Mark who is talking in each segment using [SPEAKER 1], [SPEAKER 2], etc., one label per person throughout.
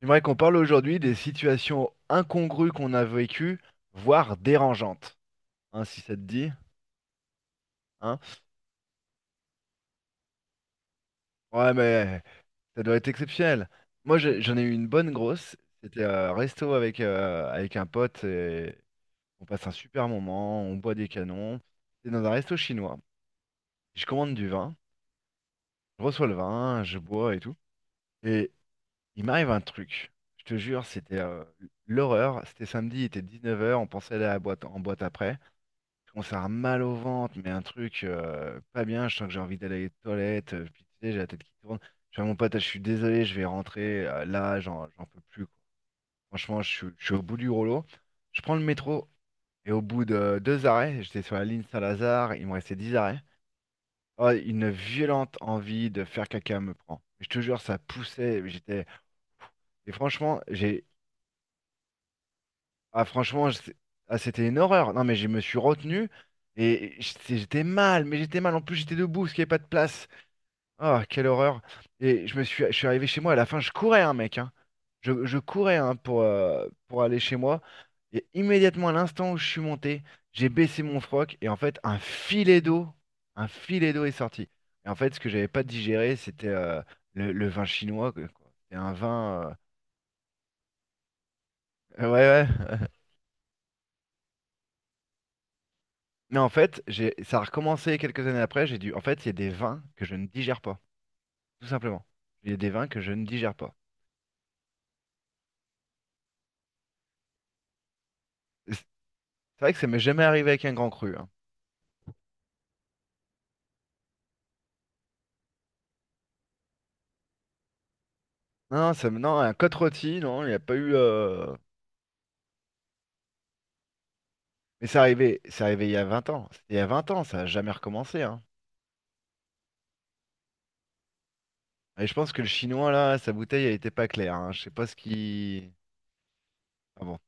[SPEAKER 1] J'aimerais qu'on parle aujourd'hui des situations incongrues qu'on a vécues, voire dérangeantes. Hein, si ça te dit, hein? Ouais, mais ça doit être exceptionnel. Moi, j'en ai eu une bonne grosse. C'était resto avec un pote et on passe un super moment, on boit des canons. C'était dans un resto chinois. Je commande du vin, je reçois le vin, je bois et tout. Et il m'arrive un truc. Je te jure, c'était l'horreur. C'était samedi, il était 19 heures. On pensait aller à la boîte, en boîte après. Commence à avoir mal au ventre, mais un truc pas bien, je sens que j'ai envie d'aller aux toilettes, puis tu sais, j'ai la tête qui tourne. Je fais à mon pote, ah, je suis désolé, je vais rentrer, là, j'en peux plus, quoi. Franchement, je suis au bout du rouleau. Je prends le métro, et au bout de deux arrêts, j'étais sur la ligne Saint-Lazare, il me restait 10 arrêts. Oh, une violente envie de faire caca me prend. Je te jure, ça poussait, j'étais. Et franchement, j'ai ah, ah, c'était une horreur. Non, mais je me suis retenu et j'étais mal, mais j'étais mal. En plus, j'étais debout parce qu'il n'y avait pas de place. Ah, quelle horreur. Et je suis arrivé chez moi. À la fin, je courais, hein, mec, hein. Je courais hein, pour aller chez moi. Et immédiatement, à l'instant où je suis monté, j'ai baissé mon froc et en fait, un filet d'eau est sorti. Et en fait, ce que j'avais pas digéré, c'était le vin chinois, quoi. C'était un vin. Ouais, ouais. Mais en fait, ça a recommencé quelques années après. En fait, il y a des vins que je ne digère pas, tout simplement. Il y a des vins que je ne digère pas. Et c'est vrai que ça m'est jamais arrivé avec un grand cru, hein. Non, ça, non, un côte rôti, non, il n'y a pas eu. Mais c'est arrivé il y a 20 ans. C'était Il y a 20 ans, ça n'a jamais recommencé, hein. Et je pense que le chinois là, sa bouteille, elle était pas claire, hein. Je sais pas ce qui. Ah bon,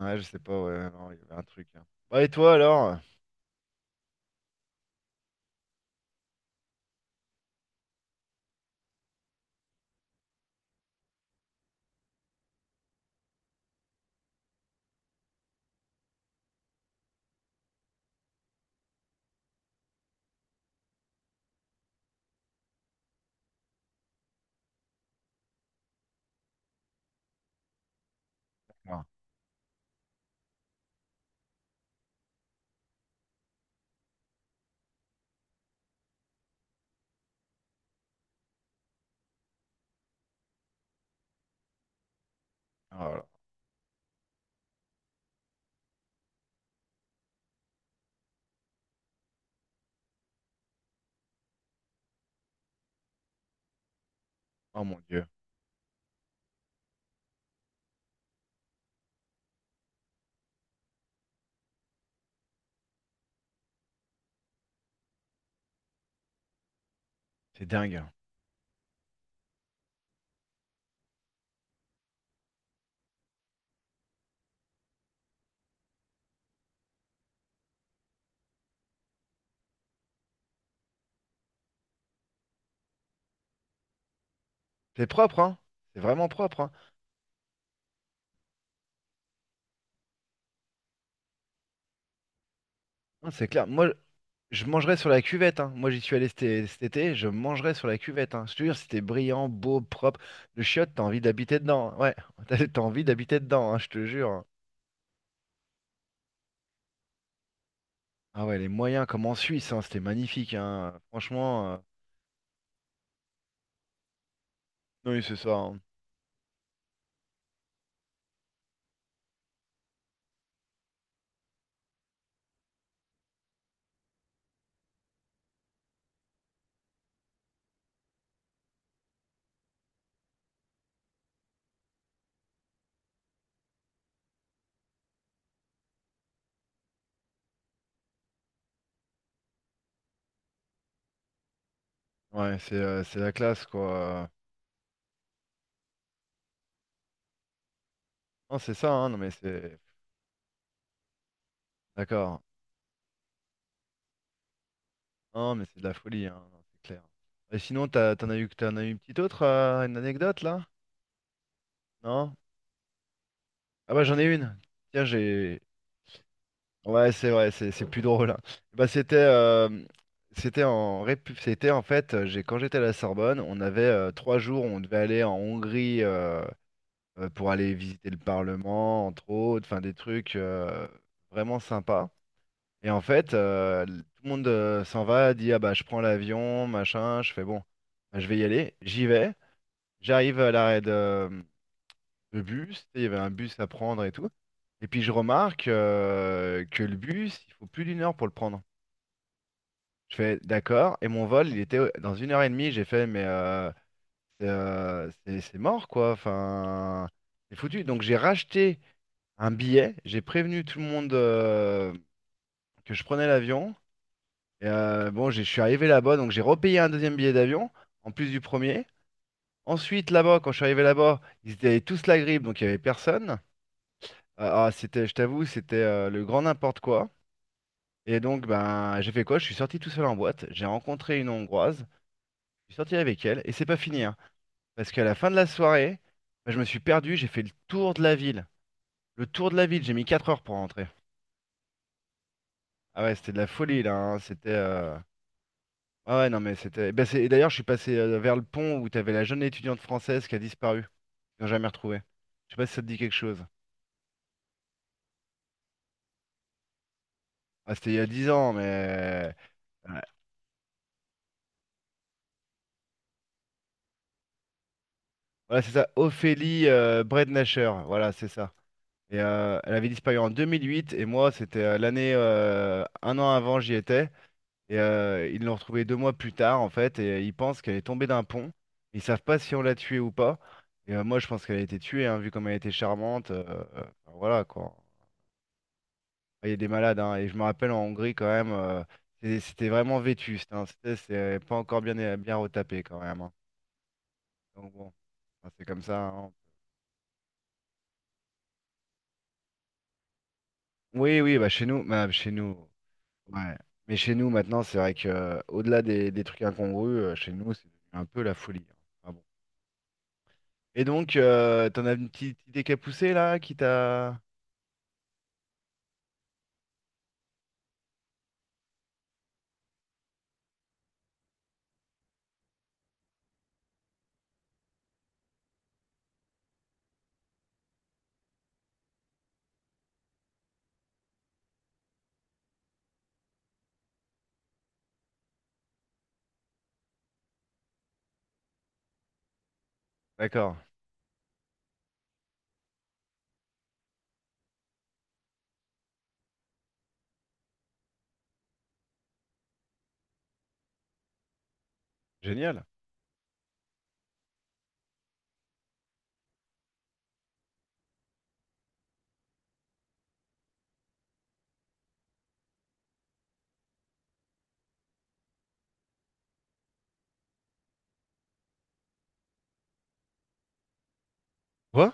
[SPEAKER 1] ouais, je sais pas. Ouais, non, il y avait un truc, hein. Bah, et toi alors? Ah, oh, là là. Oh mon Dieu, c'est dingue, hein. C'est propre, hein. C'est vraiment propre, hein. Non, c'est clair. Moi, je mangerai sur la cuvette, hein. Moi, j'y suis allé cet été, je mangerai sur la cuvette, hein. Je te jure, c'était brillant, beau, propre. Le chiotte, t'as envie d'habiter dedans, hein. Ouais, t'as envie d'habiter dedans, hein, je te jure, hein. Ah ouais, les moyens, comme en Suisse, hein, c'était magnifique, hein. Franchement, oui, c'est ça, hein. Ouais, c'est la classe, quoi. Non, c'est ça, hein. Non, mais c'est. D'accord. Non, mais c'est de la folie, hein. Non, c'est clair. Et sinon, t'en as eu une petite autre, une anecdote, là? Non? Ah bah, j'en ai une. Tiens, j'ai. Ouais, c'est vrai, c'est plus drôle, hein. Bah, c'était c'était en fait, j'ai quand j'étais à la Sorbonne, on avait 3 jours, où on devait aller en Hongrie pour aller visiter le Parlement, entre autres, enfin des trucs vraiment sympas. Et en fait, tout le monde s'en va, dit ah bah je prends l'avion, machin, je fais bon, bah, je vais y aller, j'y vais, j'arrive à l'arrêt le bus, tu sais, il y avait un bus à prendre et tout. Et puis je remarque que le bus, il faut plus d'une heure pour le prendre. Je fais d'accord, et mon vol, il était dans une heure et demie. J'ai fait, mais c'est mort quoi, enfin, c'est foutu. Donc j'ai racheté un billet, j'ai prévenu tout le monde que je prenais l'avion. Et, bon, je suis arrivé là-bas, donc j'ai repayé un deuxième billet d'avion, en plus du premier. Ensuite, là-bas, quand je suis arrivé là-bas, ils étaient tous la grippe, donc il n'y avait personne. Ah, ah, c'était, je t'avoue, c'était le grand n'importe quoi. Et donc, ben, j'ai fait quoi? Je suis sorti tout seul en boîte. J'ai rencontré une Hongroise. Je suis sorti avec elle. Et c'est pas fini, hein. Parce qu'à la fin de la soirée, ben, je me suis perdu. J'ai fait le tour de la ville. Le tour de la ville. J'ai mis 4 heures pour rentrer. Ah ouais, c'était de la folie, là, hein. C'était. Ah ouais, non, mais c'était. Ben, et d'ailleurs, je suis passé vers le pont où t'avais la jeune étudiante française qui a disparu. Ils n'ont jamais retrouvée. Je sais pas si ça te dit quelque chose. Ah, c'était il y a 10 ans, mais. Ouais. Voilà, c'est ça. Ophélie Brednacher. Voilà, c'est ça. Et elle avait disparu en 2008 et moi c'était l'année un an avant j'y étais et ils l'ont retrouvée 2 mois plus tard en fait et ils pensent qu'elle est tombée d'un pont. Ils savent pas si on l'a tuée ou pas. Et moi je pense qu'elle a été tuée hein, vu comme elle était charmante. Enfin, voilà quoi. Il y a des malades hein, et je me rappelle en Hongrie quand même c'était vraiment vétuste, hein. C'est pas encore bien bien retapé quand même, hein. Donc bon, enfin, c'est comme ça, hein. Oui oui bah chez nous bah, chez nous. Ouais. Mais chez nous, maintenant, c'est vrai que au-delà des trucs incongrus, chez nous, c'est devenu un peu la folie, hein. Ah bon. Et donc, t'en as une petite idée qui a poussé là, qui t'a. D'accord. Génial. Quoi?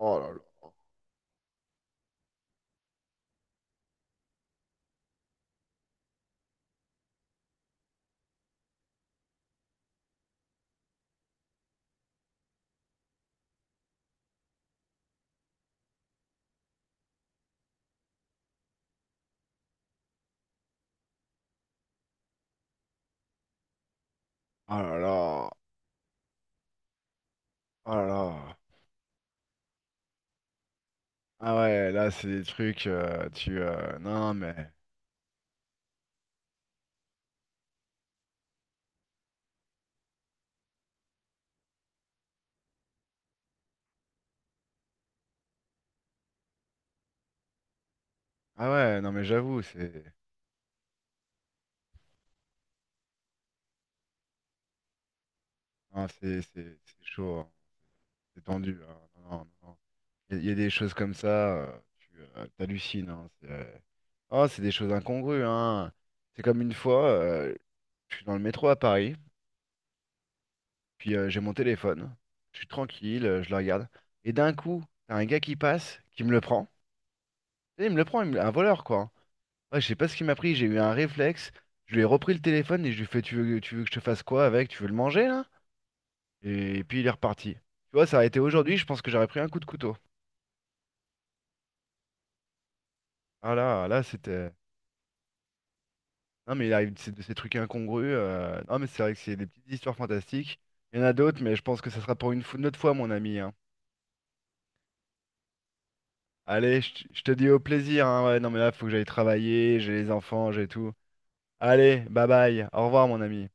[SPEAKER 1] Oh là là. Oh là là. Oh là là. Ah ouais, là, c'est des trucs. Tu. Non, mais. Ah ouais, non, mais j'avoue, c'est. Non, c'est chaud, hein. C'est tendu, hein. Non, non, non. Il y a des choses comme ça, tu t'hallucines, hein, c'est oh, c'est des choses incongrues, hein. C'est comme une fois, je suis dans le métro à Paris, puis j'ai mon téléphone. Je suis tranquille, je le regarde. Et d'un coup, t'as un gars qui passe, qui me le prend. Et il me le prend, un voleur, quoi. Ouais, je sais pas ce qu'il m'a pris, j'ai eu un réflexe. Je lui ai repris le téléphone et je lui fais, tu veux que je te fasse quoi avec? Tu veux le manger, là? Et, puis il est reparti. Tu vois, ça a été aujourd'hui, je pense que j'aurais pris un coup de couteau. Ah là, là, c'était. Non, mais il arrive de ces trucs incongrus. Non, mais c'est vrai que c'est des petites histoires fantastiques. Il y en a d'autres, mais je pense que ça sera pour une autre fois, mon ami, hein. Allez, je te dis au plaisir, hein, ouais, non, mais là, faut que j'aille travailler, j'ai les enfants, j'ai tout. Allez, bye bye. Au revoir, mon ami.